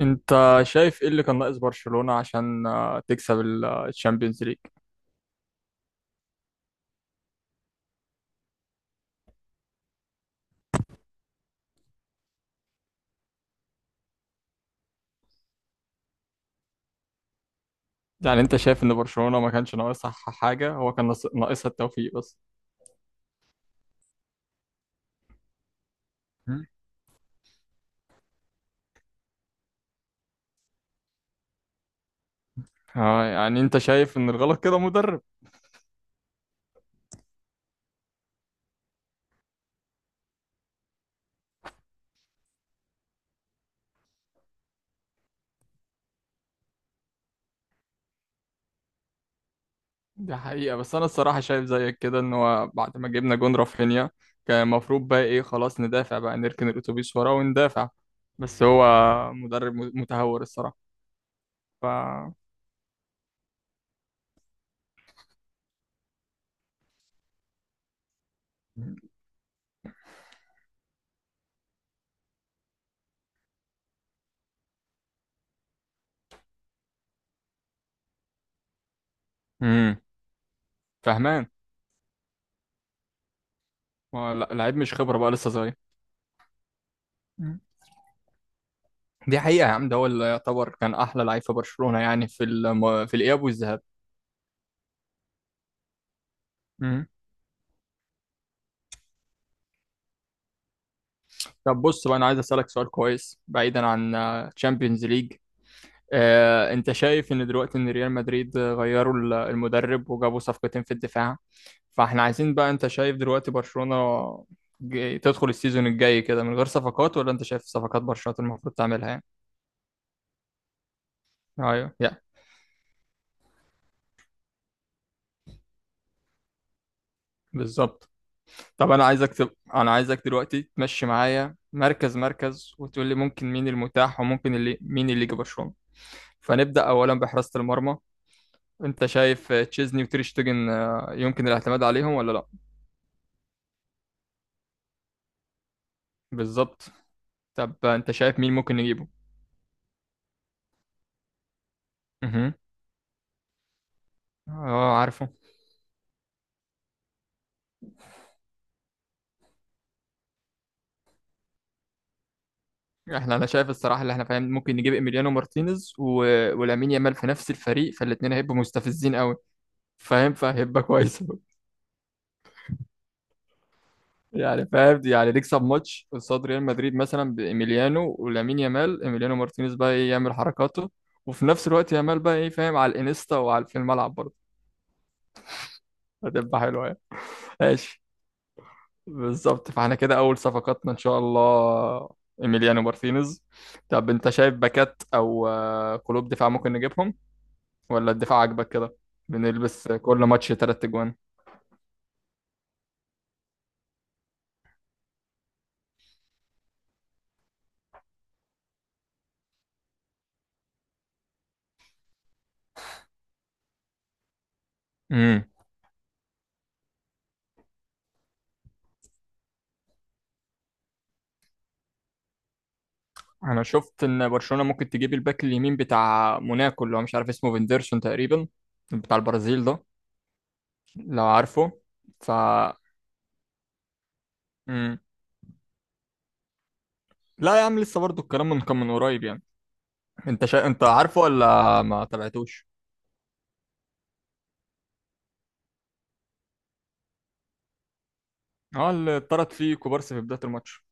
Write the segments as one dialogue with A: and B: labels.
A: انت شايف ايه اللي كان ناقص برشلونة عشان تكسب الشامبيونز ليج؟ يعني انت شايف ان برشلونة ما كانش ناقصها حاجة؟ هو كان ناقصها التوفيق بس. مم. اه، يعني انت شايف ان الغلط كده مدرب؟ دي حقيقة، بس انا الصراحة شايف زيك كده ان هو بعد ما جبنا جون رافينيا كان المفروض بقى ايه، خلاص ندافع بقى، نركن الاتوبيس ورا وندافع. بس هو مدرب متهور الصراحة. ف امم فاهمان. هو لعيب مش خبرة، بقى لسه صغير. دي حقيقة يا عم، ده هو اللي يعتبر كان أحلى لعيب في برشلونة، يعني في الإياب والذهاب. مم. طب بص بقى، أنا عايز أسألك سؤال كويس بعيدا عن تشامبيونز ليج. أنت شايف إن دلوقتي إن ريال مدريد غيروا المدرب وجابوا صفقتين في الدفاع، فإحنا عايزين بقى، أنت شايف دلوقتي برشلونة تدخل السيزون الجاي كده من غير صفقات، ولا أنت شايف صفقات برشلونة المفروض تعملها يعني؟ أيوه يا. بالظبط. طب انا عايزك دلوقتي تمشي معايا مركز مركز وتقول لي ممكن مين المتاح وممكن اللي مين اللي يجي برشلونة. فنبدأ اولا بحراسة المرمى. انت شايف تشيزني وتير شتيجن يمكن الاعتماد عليهم ولا لا؟ بالظبط. طب انت شايف مين ممكن نجيبه؟ اها. اه، عارفه. انا شايف الصراحه، اللي احنا فاهم ممكن نجيب ايميليانو مارتينيز ولامين يامال في نفس الفريق، فالاثنين هيبقوا مستفزين قوي، فاهم، فهيبقى كويس. يعني فاهم، يعني نكسب ماتش قصاد ريال مدريد مثلا بإيميليانو ولامين يامال، إيميليانو مارتينيز بقى إيه يعمل حركاته، وفي نفس الوقت يامال بقى إيه، فاهم، على الإنستا وعلى في الملعب برضه. هتبقى حلوة يعني. ماشي. بالظبط، فاحنا كده أول صفقاتنا إن شاء الله إيميليانو مارتينيز. طب أنت شايف باكات أو قلوب دفاع ممكن نجيبهم، ولا الدفاع عاجبك كده؟ بنلبس كل ماتش 3 أجوان؟ انا شفت ان برشلونة ممكن تجيب الباك اليمين بتاع موناكو، اللي هو مش عارف اسمه، فيندرسون تقريبا، بتاع البرازيل ده، لو عارفه. ف مم. لا يا عم، لسه برضو الكلام من كان من قريب يعني. انت عارفه ولا ما تابعتوش؟ اه، اللي اتطرد فيه كوبارسي في بداية الماتش.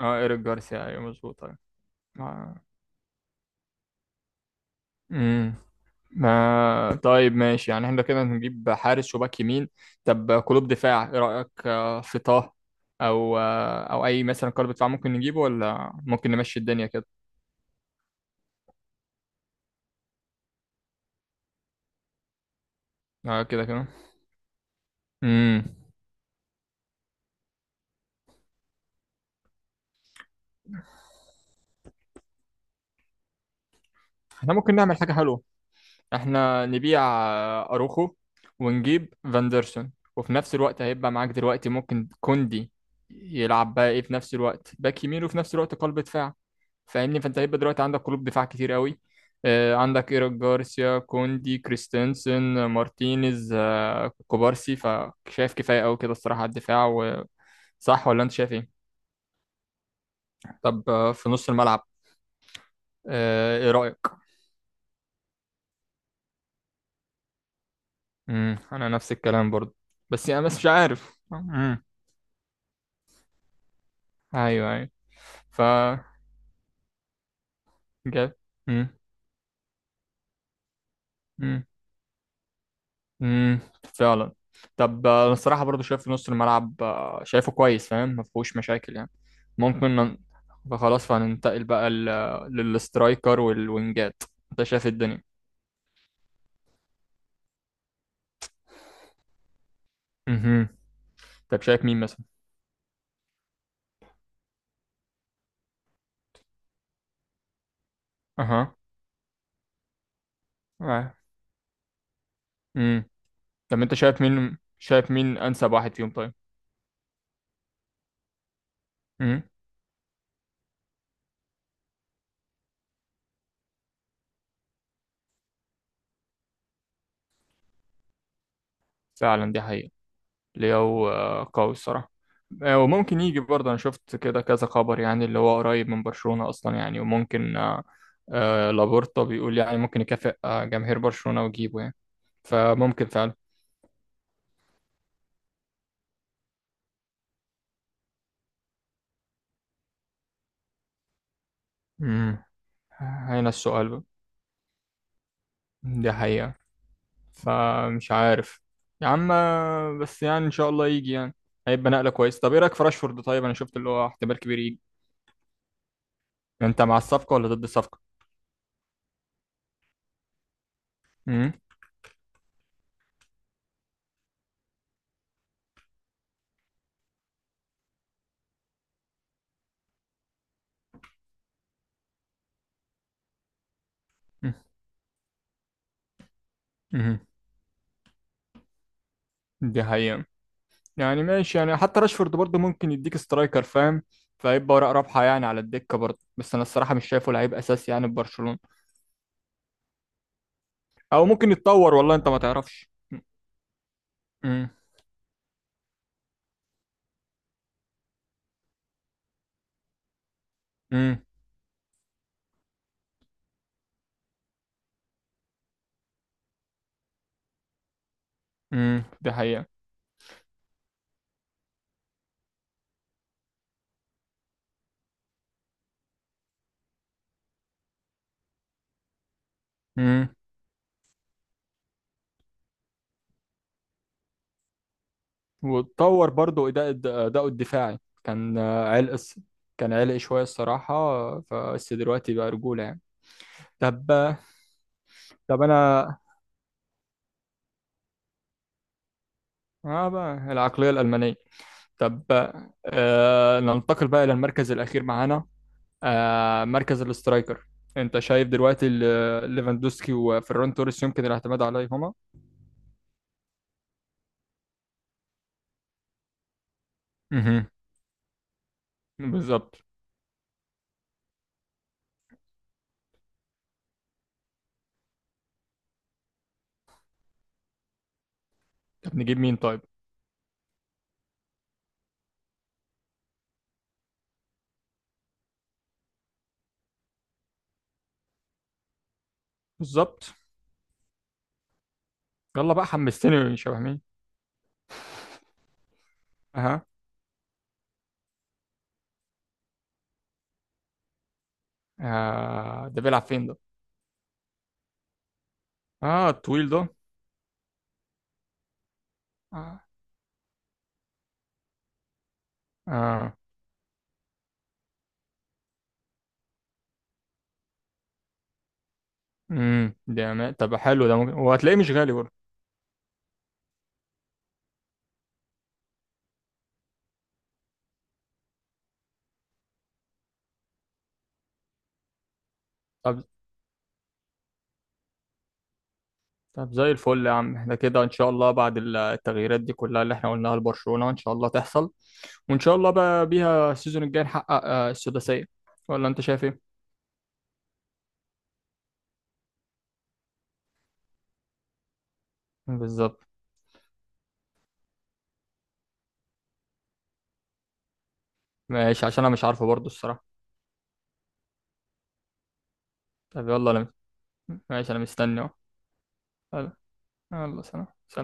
A: اه، ايريك جارسيا، ايوه مظبوط، ايوه. آه. مم. ما طيب، ماشي، يعني احنا كده هنجيب حارس وباك يمين. طب قلوب دفاع، ايه رأيك في طه؟ او اي مثلا قلب دفاع ممكن نجيبه، ولا ممكن نمشي الدنيا كده؟ كده كده. امم احنا ممكن نعمل حاجة حلوة، احنا نبيع اروخو، ونجيب فاندرسون، وفي نفس الوقت هيبقى معاك دلوقتي ممكن كوندي يلعب بقى ايه في نفس الوقت باك يمين وفي نفس الوقت قلب دفاع. فاهمني، فانت هيبقى دلوقتي عندك قلوب دفاع كتير قوي. عندك ايريك جارسيا، كوندي، كريستنسن، مارتينيز، كوبارسي، فشايف كفايه قوي كده الصراحه على الدفاع. صح ولا انت شايف ايه؟ طب في نص الملعب، ايه رايك؟ انا نفس الكلام برضو، بس انا بس مش عارف. ايوه، ايوه. ف جاب. امم فعلا. طب انا الصراحه برضو شايف في نص الملعب شايفه كويس، فاهم، ما فيهوش مشاكل يعني. ممكن نن... فخلاص، فهننتقل بقى للسترايكر والوينجات. انت شايف إيه الدنيا؟ امم طب شايف مين مثلا؟ اها. امم طب انت شايف مين انسب واحد فيهم طيب؟ امم فعلا، دي حقيقة. لياو قوي الصراحة. وممكن يجي برضه، أنا شفت كده كذا خبر يعني، اللي هو قريب من برشلونة أصلا يعني، وممكن لابورتا بيقول يعني ممكن يكافئ جماهير برشلونة ويجيبه يعني، فممكن فعلا. امم هنا السؤال بقى. دي حقيقة، فمش عارف يا عم. بس يعني إن شاء الله يجي يعني، هيبقى نقلة كويسة. طب إيه رأيك في راشفورد طيب؟ أنا شفت اللي هو احتمال كبير يجي. أنت مع الصفقة ولا ضد الصفقة؟ امم أمم. دي حقيقة، يعني ماشي، يعني حتى راشفورد برضه ممكن يديك سترايكر، فاهم، فيبقى ورق رابحه يعني على الدكه برضه، بس انا الصراحه مش شايفه لعيب اساسي يعني في برشلونه. او ممكن يتطور، والله انت ما تعرفش. امم امم دي حقيقه. امم واتطور برضه اداء، اداؤه الدفاعي كان كان عرق شويه الصراحه، فبس دلوقتي بقى رجوله يعني. طب طب انا اه، بقى العقليه الالمانيه. طب ننتقل بقى الى المركز الاخير معانا، مركز الاسترايكر. انت شايف دلوقتي ليفاندوسكي وفيران توريس يمكن الاعتماد عليهما؟ مهم. بالظبط. طب نجيب مين طيب؟ بالظبط. يلا بقى، حمستني شبه مين؟ اها. ده بيلعب فين ده؟ اه، الطويل ده. اه. اه. ده ما- طب حلو ده، ممكن، وهتلاقيه مش غالي برضه. طب طب زي الفل يا عم، احنا كده ان شاء الله بعد التغييرات دي كلها اللي احنا قلناها لبرشلونة ان شاء الله تحصل، وان شاء الله بقى بيها السيزون الجاي نحقق السداسية، ولا انت شايف ايه؟ بالظبط. ماشي، عشان انا مش عارفه برضو الصراحه. طب يلا انا، ماشي، انا مستني اهو. يلا. يلا سلام سلام.